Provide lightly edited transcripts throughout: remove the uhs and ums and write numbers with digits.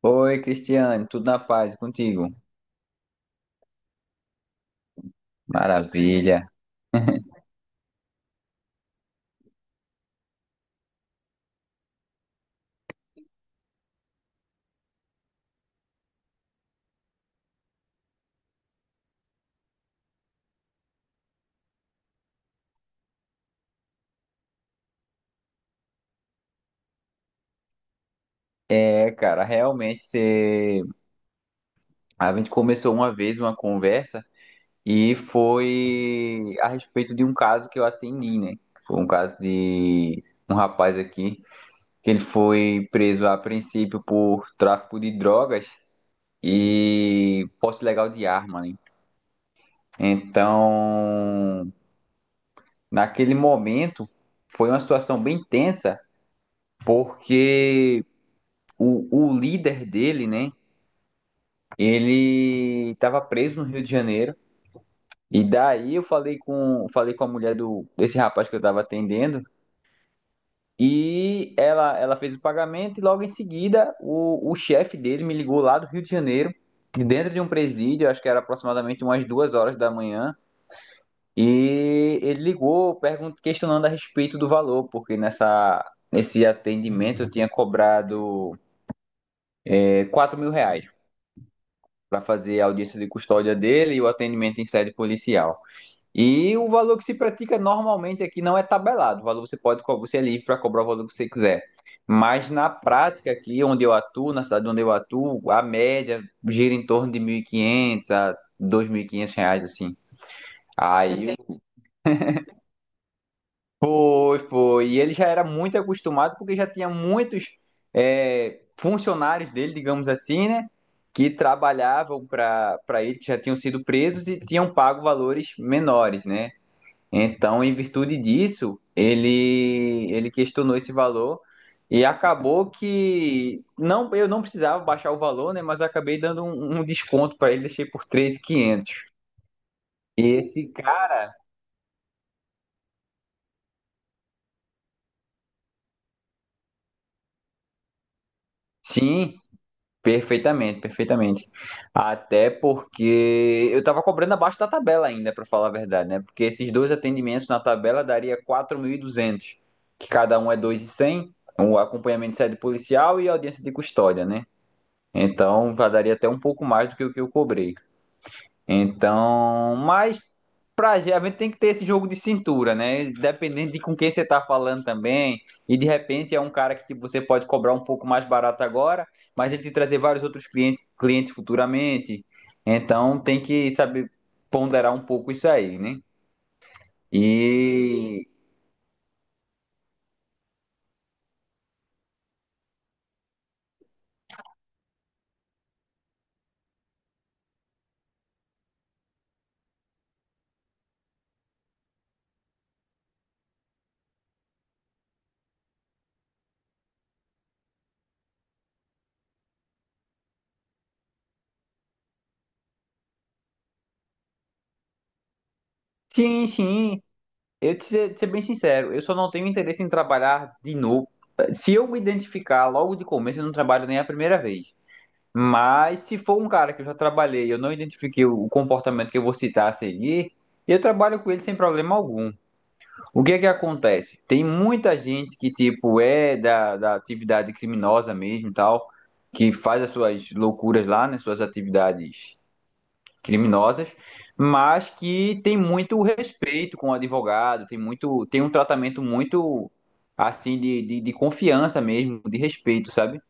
Oi, Cristiane, tudo na paz e contigo? Maravilha. É, cara, realmente você. A gente começou uma vez uma conversa e foi a respeito de um caso que eu atendi, né? Foi um caso de um rapaz aqui que ele foi preso a princípio por tráfico de drogas e posse ilegal de arma, né? Então, naquele momento foi uma situação bem tensa porque o líder dele, né? Ele estava preso no Rio de Janeiro. E daí eu falei com a mulher desse rapaz que eu estava atendendo. E ela fez o pagamento e logo em seguida o chefe dele me ligou lá do Rio de Janeiro, dentro de um presídio, acho que era aproximadamente umas 2 horas da manhã. E ele ligou perguntando, questionando a respeito do valor, porque nesse atendimento eu tinha cobrado 4 mil reais para fazer a audiência de custódia dele e o atendimento em sede policial. E o valor que se pratica normalmente aqui não é tabelado. O valor você pode, você é livre para cobrar o valor que você quiser. Mas na prática aqui, onde eu atuo, na cidade onde eu atuo, a média gira em torno de 1.500 a R$ 2.500, assim. Aí, foi, foi. E ele já era muito acostumado porque já tinha muitos funcionários dele, digamos assim, né? Que trabalhavam para ele, que já tinham sido presos e tinham pago valores menores, né? Então, em virtude disso, ele questionou esse valor e acabou que não, eu não precisava baixar o valor, né? Mas eu acabei dando um desconto para ele, deixei por 13.500. E quinhentos. E esse cara, sim. Perfeitamente, perfeitamente. Até porque eu estava cobrando abaixo da tabela ainda, para falar a verdade, né? Porque esses dois atendimentos na tabela daria 4.200, que cada um é 2.100, o acompanhamento de sede policial e audiência de custódia, né? Então, já daria até um pouco mais do que o que eu cobrei. Então, mas pra gente, a gente tem que ter esse jogo de cintura, né? Dependendo de com quem você tá falando também. E de repente é um cara que tipo, você pode cobrar um pouco mais barato agora, mas ele te trazer vários outros clientes, clientes futuramente. Então tem que saber ponderar um pouco isso aí, né? E sim, sim. Eu te ser bem sincero, eu só não tenho interesse em trabalhar de novo. Se eu me identificar logo de começo, eu não trabalho nem a primeira vez. Mas se for um cara que eu já trabalhei, e eu não identifiquei o comportamento que eu vou citar a seguir, eu trabalho com ele sem problema algum. O que é que acontece? Tem muita gente que, tipo, é da atividade criminosa mesmo, e tal, que faz as suas loucuras lá, né, suas atividades criminosas, mas que tem muito respeito com o advogado, tem muito, tem um tratamento muito assim de confiança mesmo, de respeito, sabe?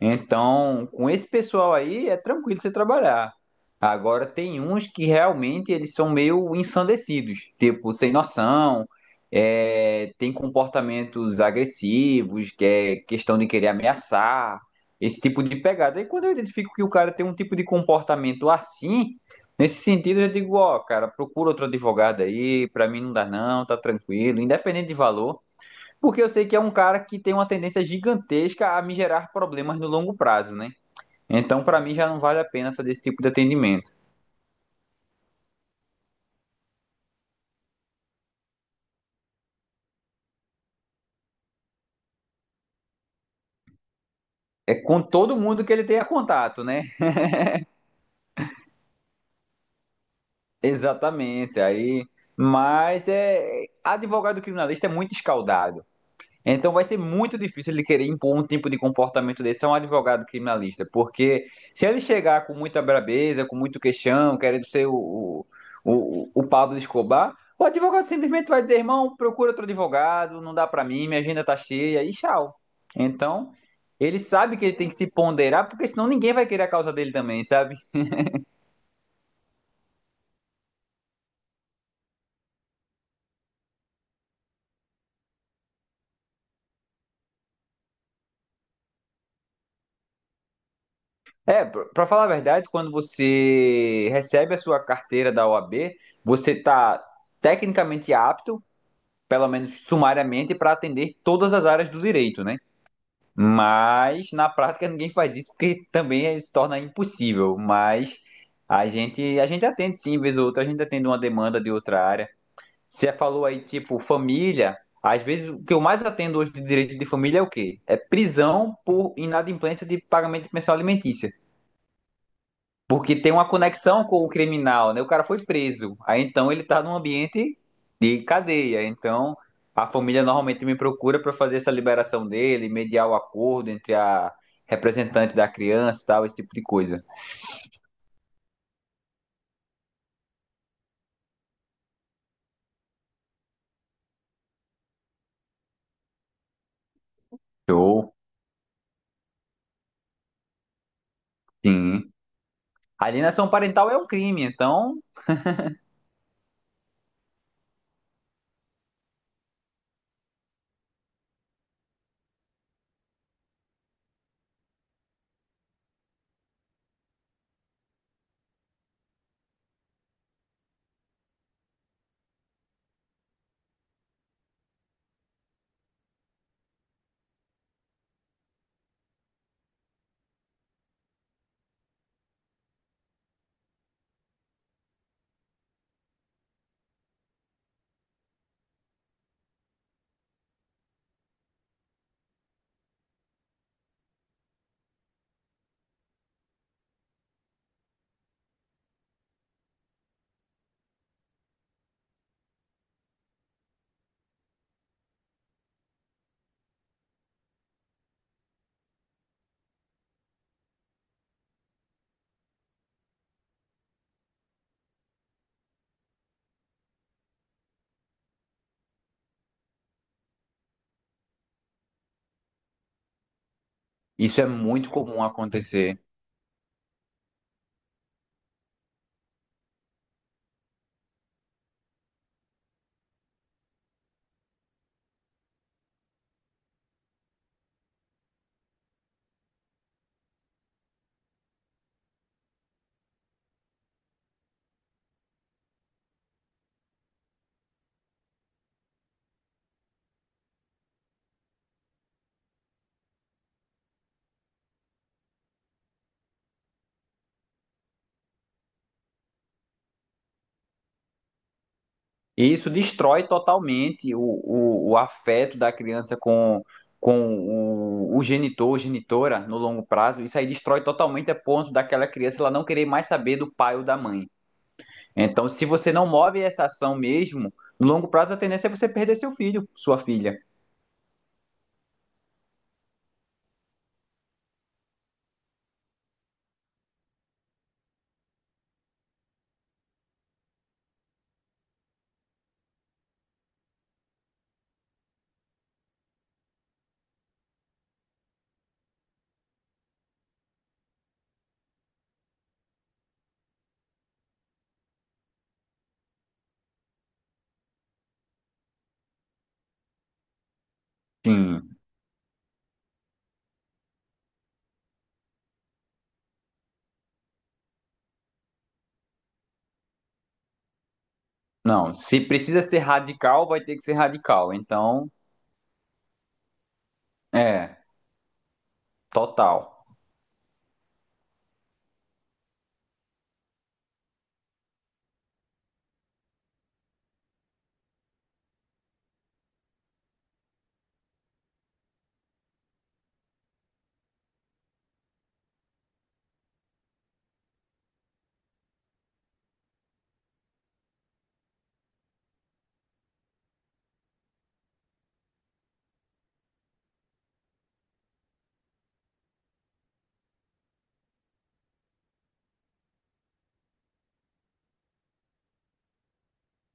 Então, com esse pessoal aí é tranquilo você trabalhar. Agora tem uns que realmente eles são meio ensandecidos, tipo, sem noção, tem comportamentos agressivos, que é questão de querer ameaçar, esse tipo de pegada. E quando eu identifico que o cara tem um tipo de comportamento assim, nesse sentido eu digo, ó, cara, procura outro advogado aí, pra mim não dá não, tá tranquilo, independente de valor. Porque eu sei que é um cara que tem uma tendência gigantesca a me gerar problemas no longo prazo, né? Então, para mim, já não vale a pena fazer esse tipo de atendimento. É com todo mundo que ele tenha contato, né? Exatamente. Aí, mas é, advogado criminalista é muito escaldado. Então vai ser muito difícil ele querer impor um tipo de comportamento desse a um advogado criminalista, porque se ele chegar com muita brabeza, com muito queixão, querendo ser o Pablo Escobar, o advogado simplesmente vai dizer, irmão, procura outro advogado, não dá pra mim, minha agenda tá cheia, e tchau. Então, ele sabe que ele tem que se ponderar, porque senão ninguém vai querer a causa dele também, sabe? É, pra falar a verdade, quando você recebe a sua carteira da OAB, você tá tecnicamente apto, pelo menos sumariamente, para atender todas as áreas do direito, né? Mas na prática ninguém faz isso porque também se torna impossível. Mas a gente atende sim, vez ou outra, a gente atende uma demanda de outra área. Você falou aí, tipo, família. Às vezes o que eu mais atendo hoje de direito de família é o quê? É prisão por inadimplência de pagamento de pensão alimentícia. Porque tem uma conexão com o criminal, né? O cara foi preso. Aí então ele tá num ambiente de cadeia. Então a família normalmente me procura para fazer essa liberação dele, mediar o acordo entre a representante da criança e tal, esse tipo de coisa. Show. Sim. Alienação parental é um crime, então isso é muito comum acontecer. E isso destrói totalmente o afeto da criança com o genitor, ou genitora, no longo prazo. Isso aí destrói totalmente, a ponto daquela criança ela não querer mais saber do pai ou da mãe. Então, se você não move essa ação mesmo, no longo prazo a tendência é você perder seu filho, sua filha. Sim. Não, se precisa ser radical, vai ter que ser radical. Então, é, total.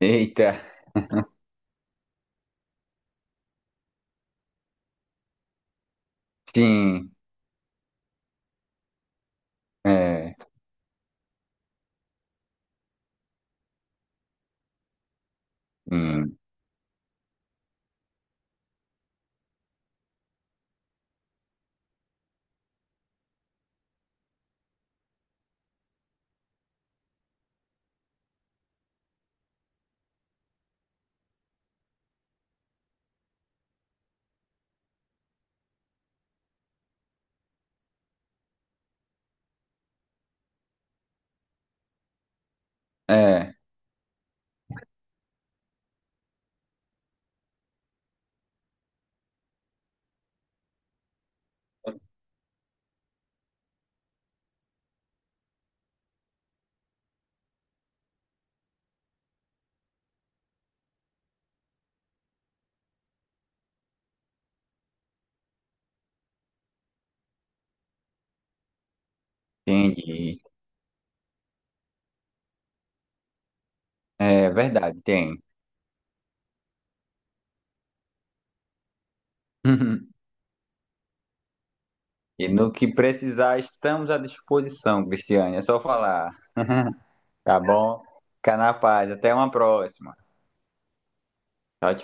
Eita, sim, é, sim, é, entendi. É verdade, tem. Uhum. E no que precisar, estamos à disposição, Cristiane. É só falar, tá bom? Fica na paz. Até uma próxima. Tchau, tchau.